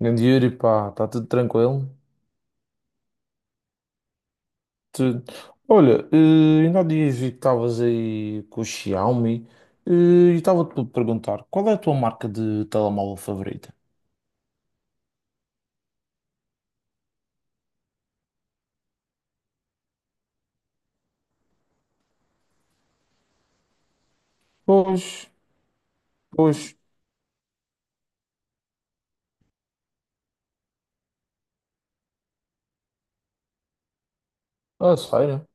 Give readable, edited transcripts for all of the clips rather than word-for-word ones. Grande Yuri, pá, está tudo tranquilo? Tu- Olha, ainda há dias vi que estavas aí com o Xiaomi eh, e estava-te a perguntar qual é a tua marca de telemóvel favorita? Pois, pois. Ah, sério?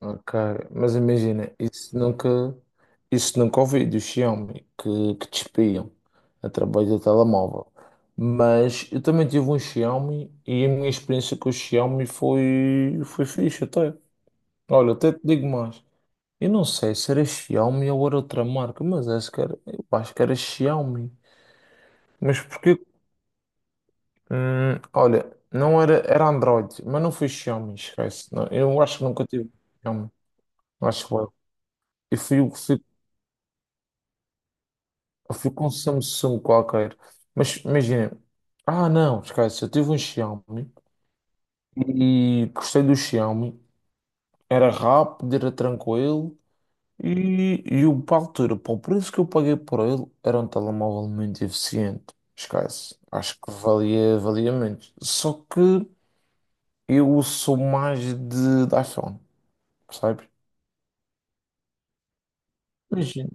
Ok, mas imagina, isso nunca ouvi do Xiaomi que te espiam através do telemóvel. Mas eu também tive um Xiaomi e a minha experiência com o Xiaomi foi fixe até. Olha, até te digo mais. Eu não sei se era Xiaomi ou era outra marca, mas eu acho que era Xiaomi. Mas porque, olha, não era, era Android, mas não foi Xiaomi, esquece. Não, eu acho que nunca tive Xiaomi, acho eu. Eu fui, eu fui, eu fui com um Samsung qualquer. Mas imagina, ah não, esquece, eu tive um Xiaomi e gostei do Xiaomi. Era rápido, era tranquilo. E o para a altura, para o preço que eu paguei por ele, era um telemóvel muito eficiente. Esquece. Acho que valia muito. Só que eu sou mais de iPhone, percebes? Imagina,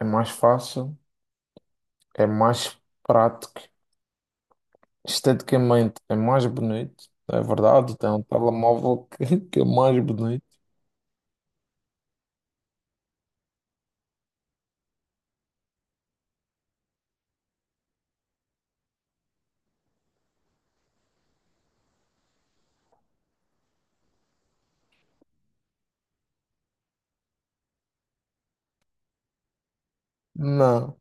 é mais fácil, é mais prático, esteticamente é mais bonito, é verdade. Tem um telemóvel que é mais bonito. Não,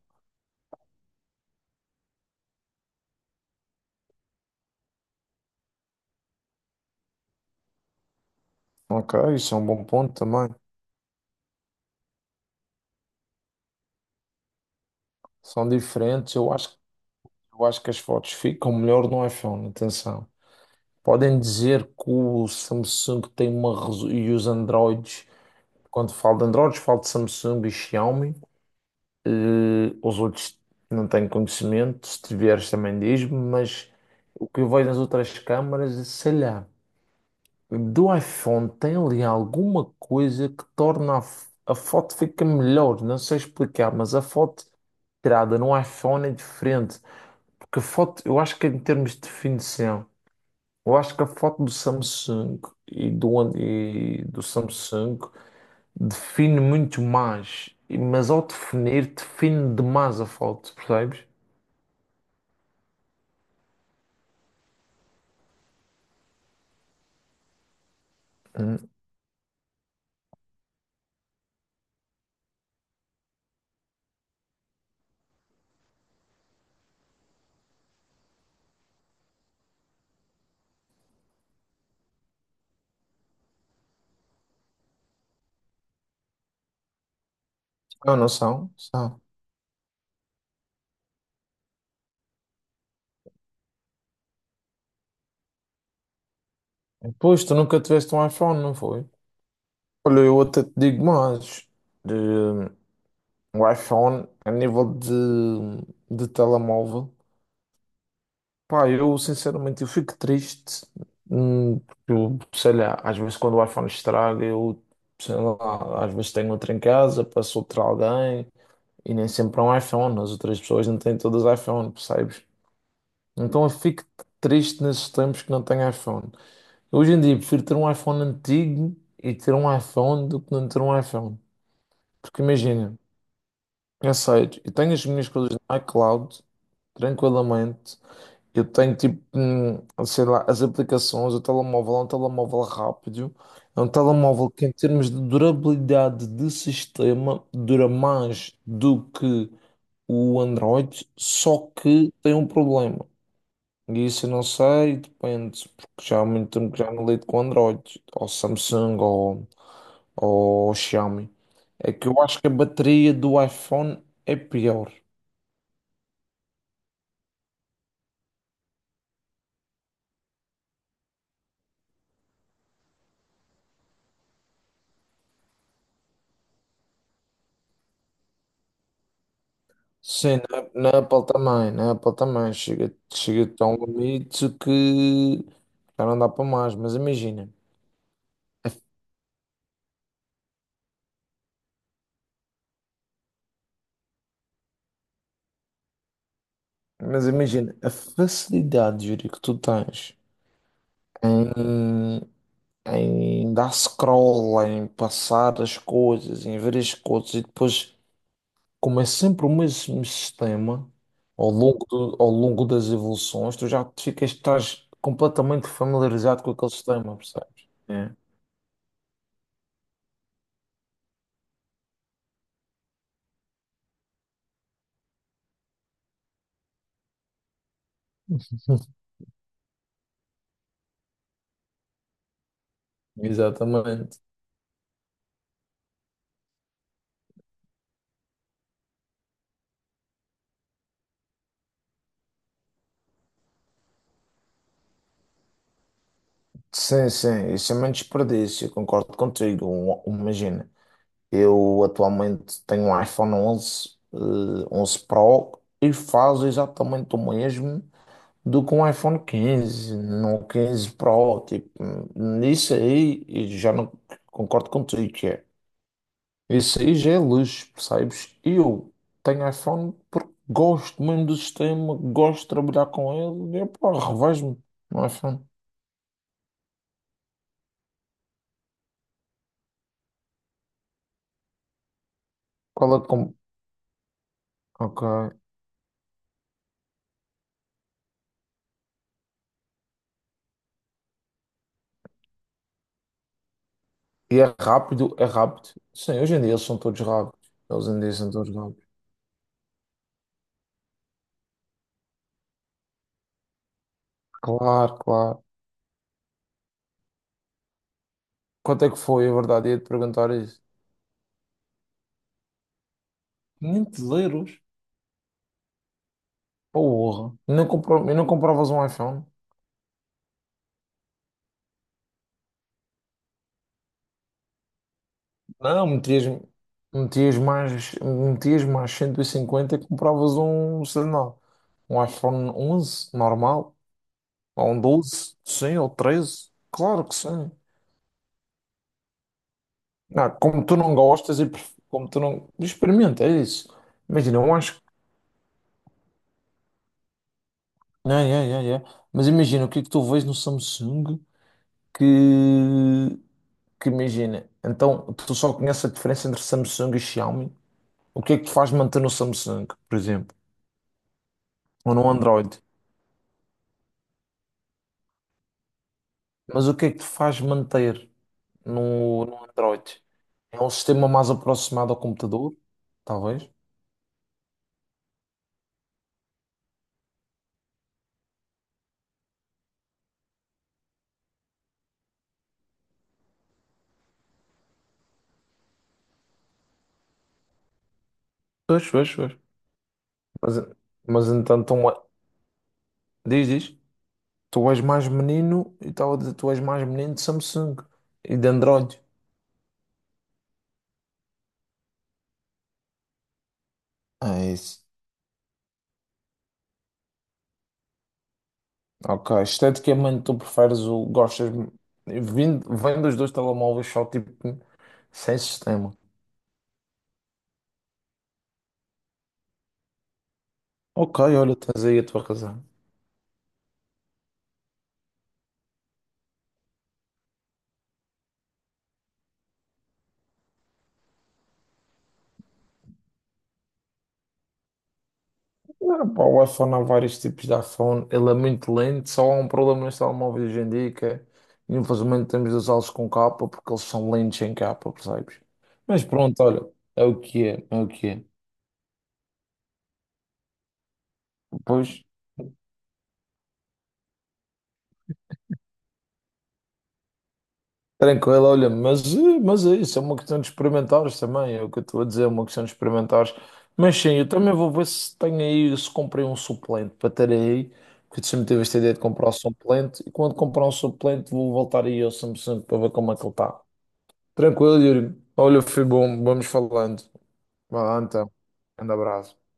ok, isso é um bom ponto também. São diferentes. Eu acho que as fotos ficam melhor no iPhone, atenção. Podem dizer que o Samsung tem uma e os Androids, quando falo de Androids, falo de Samsung e Xiaomi. Os outros não tenho conhecimento, se tiveres também diz-me, mas o que eu vejo nas outras câmaras, sei lá, do iPhone tem ali alguma coisa que torna a foto fica melhor, não sei explicar, mas a foto tirada no iPhone é diferente, porque a foto, eu acho que em termos de definição. Eu acho que a foto do Samsung e do Samsung define muito mais, mas ao definir, define demais a foto, percebes? Hum. Eu não são, são. Pois, tu nunca tiveste um iPhone, não foi? Olha, eu até te digo mais. De, o iPhone, a nível de telemóvel, pá, eu sinceramente eu fico triste, porque eu, sei lá, às vezes quando o iPhone estraga, eu, sei lá, às vezes tenho outro em casa, passo outro a alguém, e nem sempre é um iPhone, as outras pessoas não têm todas iPhone, percebes? Então eu fico triste nesses tempos que não tenho iPhone. Hoje em dia prefiro ter um iPhone antigo e ter um iPhone do que não ter um iPhone. Porque imagina, eu tenho as minhas coisas no iCloud, tranquilamente. Eu tenho tipo, sei lá, as aplicações, o telemóvel é um telemóvel rápido, é um telemóvel que em termos de durabilidade de sistema dura mais do que o Android, só que tem um problema. E isso eu não sei, depende, porque já há muito tempo que já não lido com Android, ou Samsung, ou Xiaomi. É que eu acho que a bateria do iPhone é pior. Sim, na Apple também, na Apple também. Chega a um limite que já não dá para mais. A mas imagina a facilidade, Yuri, que tu tens em, em dar scroll, em passar as coisas, em ver as coisas e depois, como é sempre o mesmo sistema ao longo das evoluções, tu estás completamente familiarizado com aquele sistema, percebes? É. Exatamente. Sim, sim, isso é muito desperdício, eu concordo contigo. Imagina, eu atualmente tenho um iPhone 11 , 11 Pro, e faz exatamente o mesmo do que um iPhone 15 no 15 Pro. Tipo, nisso aí eu já não concordo contigo, que é. Isso aí já é luxo, percebes? Eu tenho iPhone porque gosto mesmo do sistema, gosto de trabalhar com ele e pá, revejo-me no iPhone. Qual é que. Ok. E é rápido, é rápido. Sim, hoje em dia eles são todos rápidos. Eles em dia são todos rápidos. Claro, claro. Quanto é que foi, a verdade? Ia-te perguntar isso. 500 euros? Porra. E não compravas um iPhone? Não, metias mais 150 e compravas um, sei lá, um iPhone 11 normal, ou um 12 sim, ou 13. Claro que sim. Não, como tu não gostas e pref- como tu não... Experimenta, é isso. Imagina, eu acho Não, é. Mas imagina, o que é que tu vês no Samsung que, que imagina, então tu só conheces a diferença entre Samsung e Xiaomi. O que é que te faz manter no Samsung, por exemplo, ou no Android? Mas o que é que te faz manter no Android? É um sistema mais aproximado ao computador, talvez. Pois, pois, pois. Mas, mas então, tu, é, diz, diz, tu és mais menino e tal, tu és mais menino de Samsung e de Android. É isso. Ok, esteticamente tu preferes o. Gostas. Vem dos dois telemóveis só tipo sem sistema. Ok, olha, tens aí a tua razão. Ah, pá, o iPhone há vários tipos de iPhone, ele é muito lento, só há um problema nos telemóveis hoje em dia que é, infelizmente temos de usá-los com capa porque eles são lentos em capa, percebes? Mas pronto, olha, é o que é, é o que é. Depois tranquilo, olha, mas é isso, é uma questão de experimentares também, é o que eu estou a dizer, é uma questão de experimentares. Mas sim, eu também vou ver se tenho aí, se comprei um suplente para ter aí, porque eu sempre tive esta ideia de comprar um suplente, e quando comprar um suplente vou voltar aí ao Samsung para ver como é que ele está. Tranquilo, Yuri. Olha, foi bom, vamos falando. Vá lá então, grande abraço.